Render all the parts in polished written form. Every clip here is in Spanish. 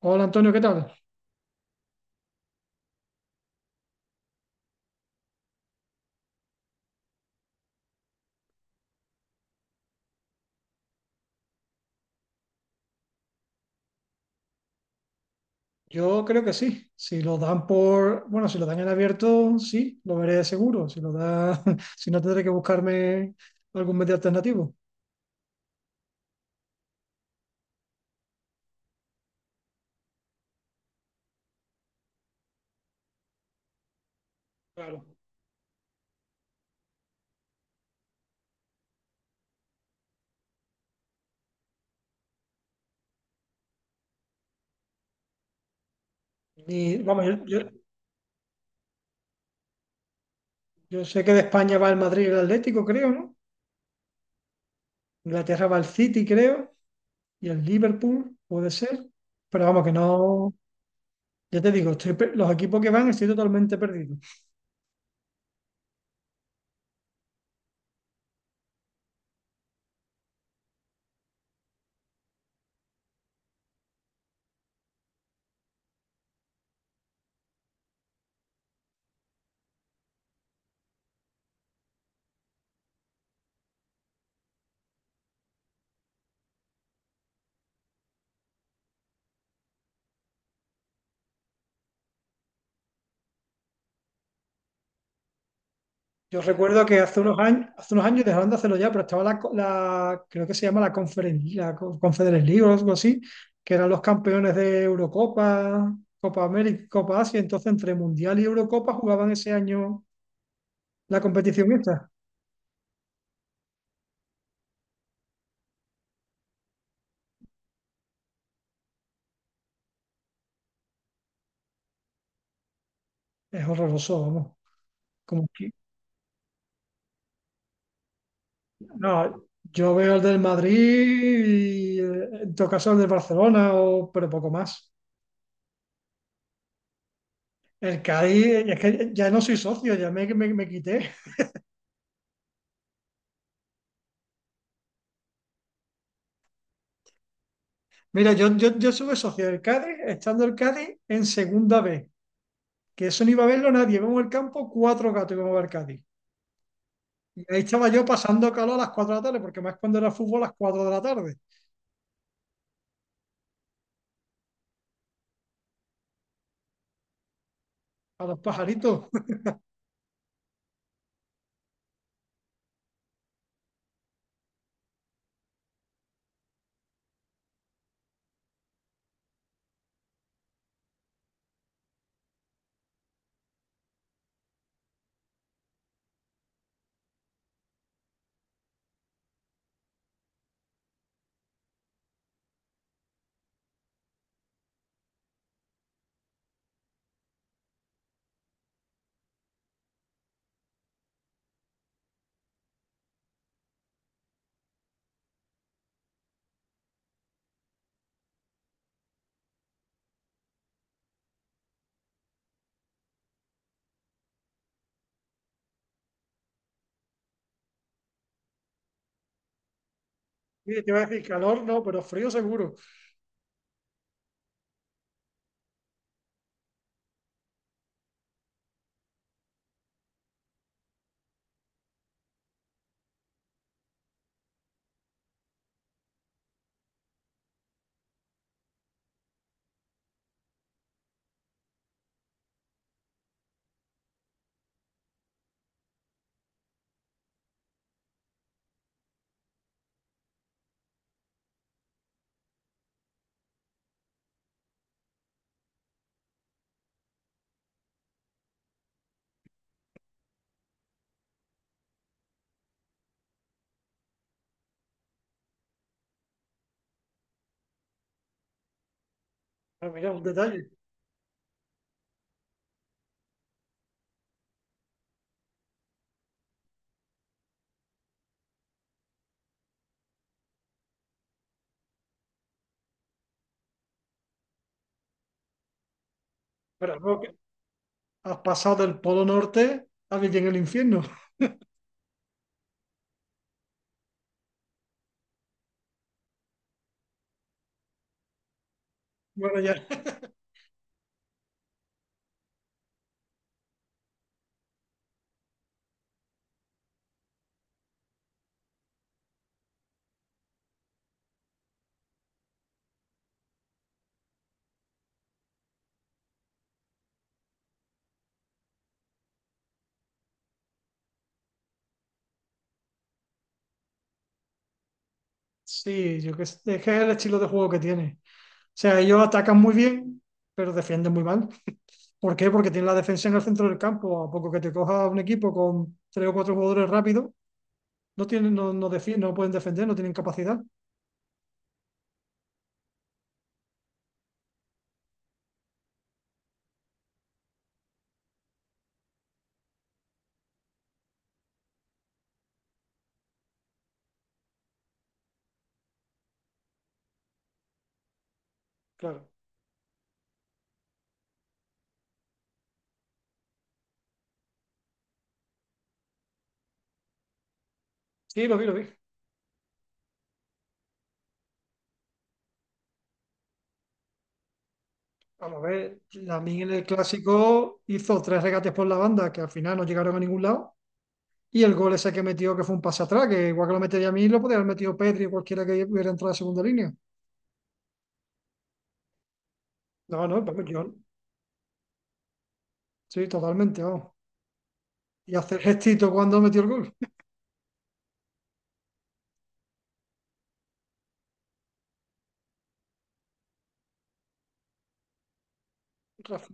Hola Antonio, ¿qué tal? Yo creo que sí. Si lo dan por, bueno, si lo dan en abierto, sí, lo veré seguro. Si lo da, si no tendré que buscarme algún medio alternativo. Claro. Y vamos, yo sé que de España va el Madrid y el Atlético, creo, ¿no? Inglaterra va el City, creo, y el Liverpool, puede ser. Pero vamos, que no, ya te digo, los equipos que van estoy totalmente perdido. Yo recuerdo que hace unos años dejaron de hacerlo ya, pero estaba creo que se llama la Conferencia, Conference League o algo así, que eran los campeones de Eurocopa, Copa América, Copa Asia, entonces entre Mundial y Eurocopa jugaban ese año la competición esta. Es horroroso, vamos. Como que, no, yo veo el del Madrid y en todo caso el del Barcelona, o, pero poco más. El Cádiz, es que ya no soy socio, ya me quité. Mira, yo estuve socio del Cádiz, estando el Cádiz en segunda B, que eso no iba a verlo nadie. Vamos al campo, cuatro gatos íbamos a ver Cádiz. Y ahí estaba yo pasando calor a las 4 de la tarde, porque más cuando era fútbol a las 4 de la tarde, a los pajaritos. Y te iba a decir calor, no, pero frío seguro. Pero mira, un detalle. Pero luego que has pasado del Polo Norte a vivir en el infierno. Bueno, ya. Sí, yo que sé, es que es el estilo de juego que tiene. O sea, ellos atacan muy bien, pero defienden muy mal. ¿Por qué? Porque tiene la defensa en el centro del campo. A poco que te coja un equipo con tres o cuatro jugadores rápidos, no tienen, no pueden defender, no tienen capacidad. Claro. Sí, lo vi, lo vi. Vamos a ver, Lamine en el clásico hizo tres regates por la banda que al final no llegaron a ningún lado. Y el gol ese que metió, que fue un pase atrás, que igual que lo metería a mí, lo podía haber metido Pedri o cualquiera que hubiera entrado a segunda línea. No, no, vamos, yo. Sí, totalmente, vamos. Y hacer gestito cuando metió el gol. Rafa,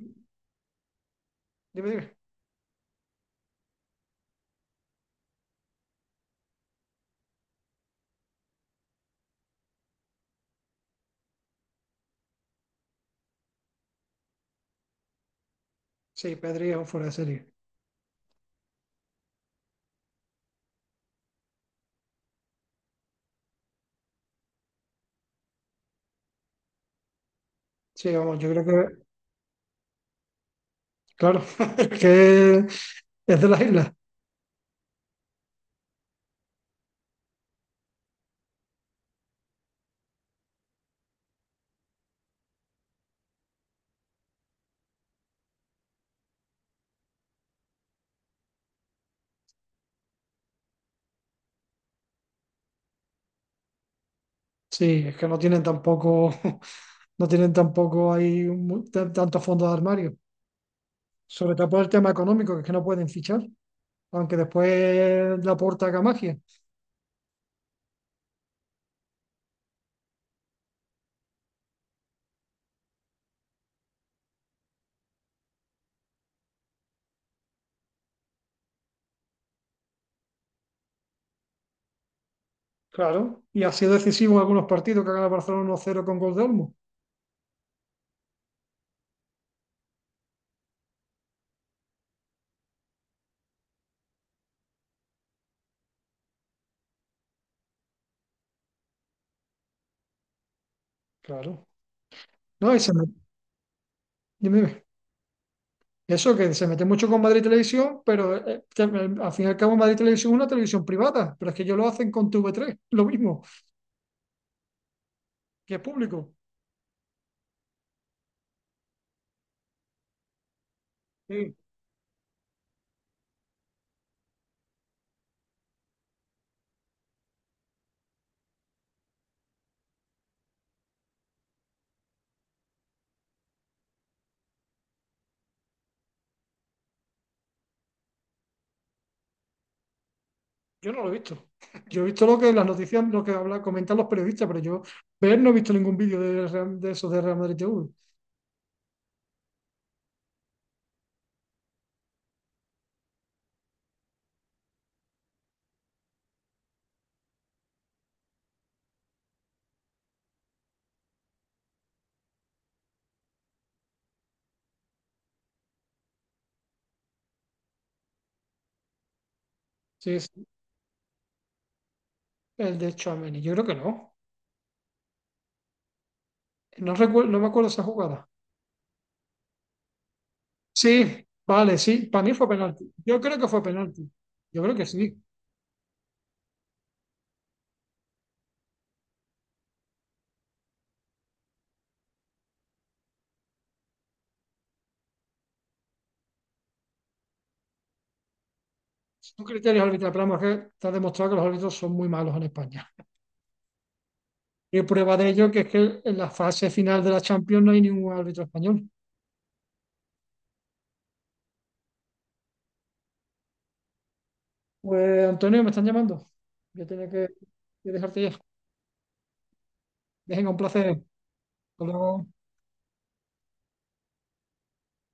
dime, dime. Sí, Pedri es un fuera de serie. Sí, vamos, yo creo que. Claro, es que es de las islas. Sí, es que no tienen tampoco, no tienen tampoco ahí tanto fondo de armario. Sobre todo por el tema económico, que es que no pueden fichar, aunque después la porta haga magia. Claro, y ha sido decisivo en algunos partidos que ha ganado Barcelona 1-0 con gol de Olmo. Claro. No, y dime, dime. Eso que se mete mucho con Madrid Televisión, pero que, al fin y al cabo Madrid Televisión es una televisión privada, pero es que ellos lo hacen con TV3, lo mismo, que es público. Sí. Yo no lo he visto. Yo he visto lo que las noticias, lo que habla, comentan los periodistas, pero yo ver no he visto ningún vídeo de, de eso de Real Madrid TV. Sí, sí, el de Tchouaméni. Yo creo que no. No recuerdo, no me acuerdo esa jugada. Sí, vale, sí. Para mí fue penalti. Yo creo que fue penalti. Yo creo que sí. Son criterios arbitrales, pero vamos, es que está demostrado que los árbitros son muy malos en España. Y prueba de ello que es que en la fase final de la Champions no hay ningún árbitro español. Pues Antonio, me están llamando. Yo tenía que, dejarte ya. Dejen un placer. Hasta luego.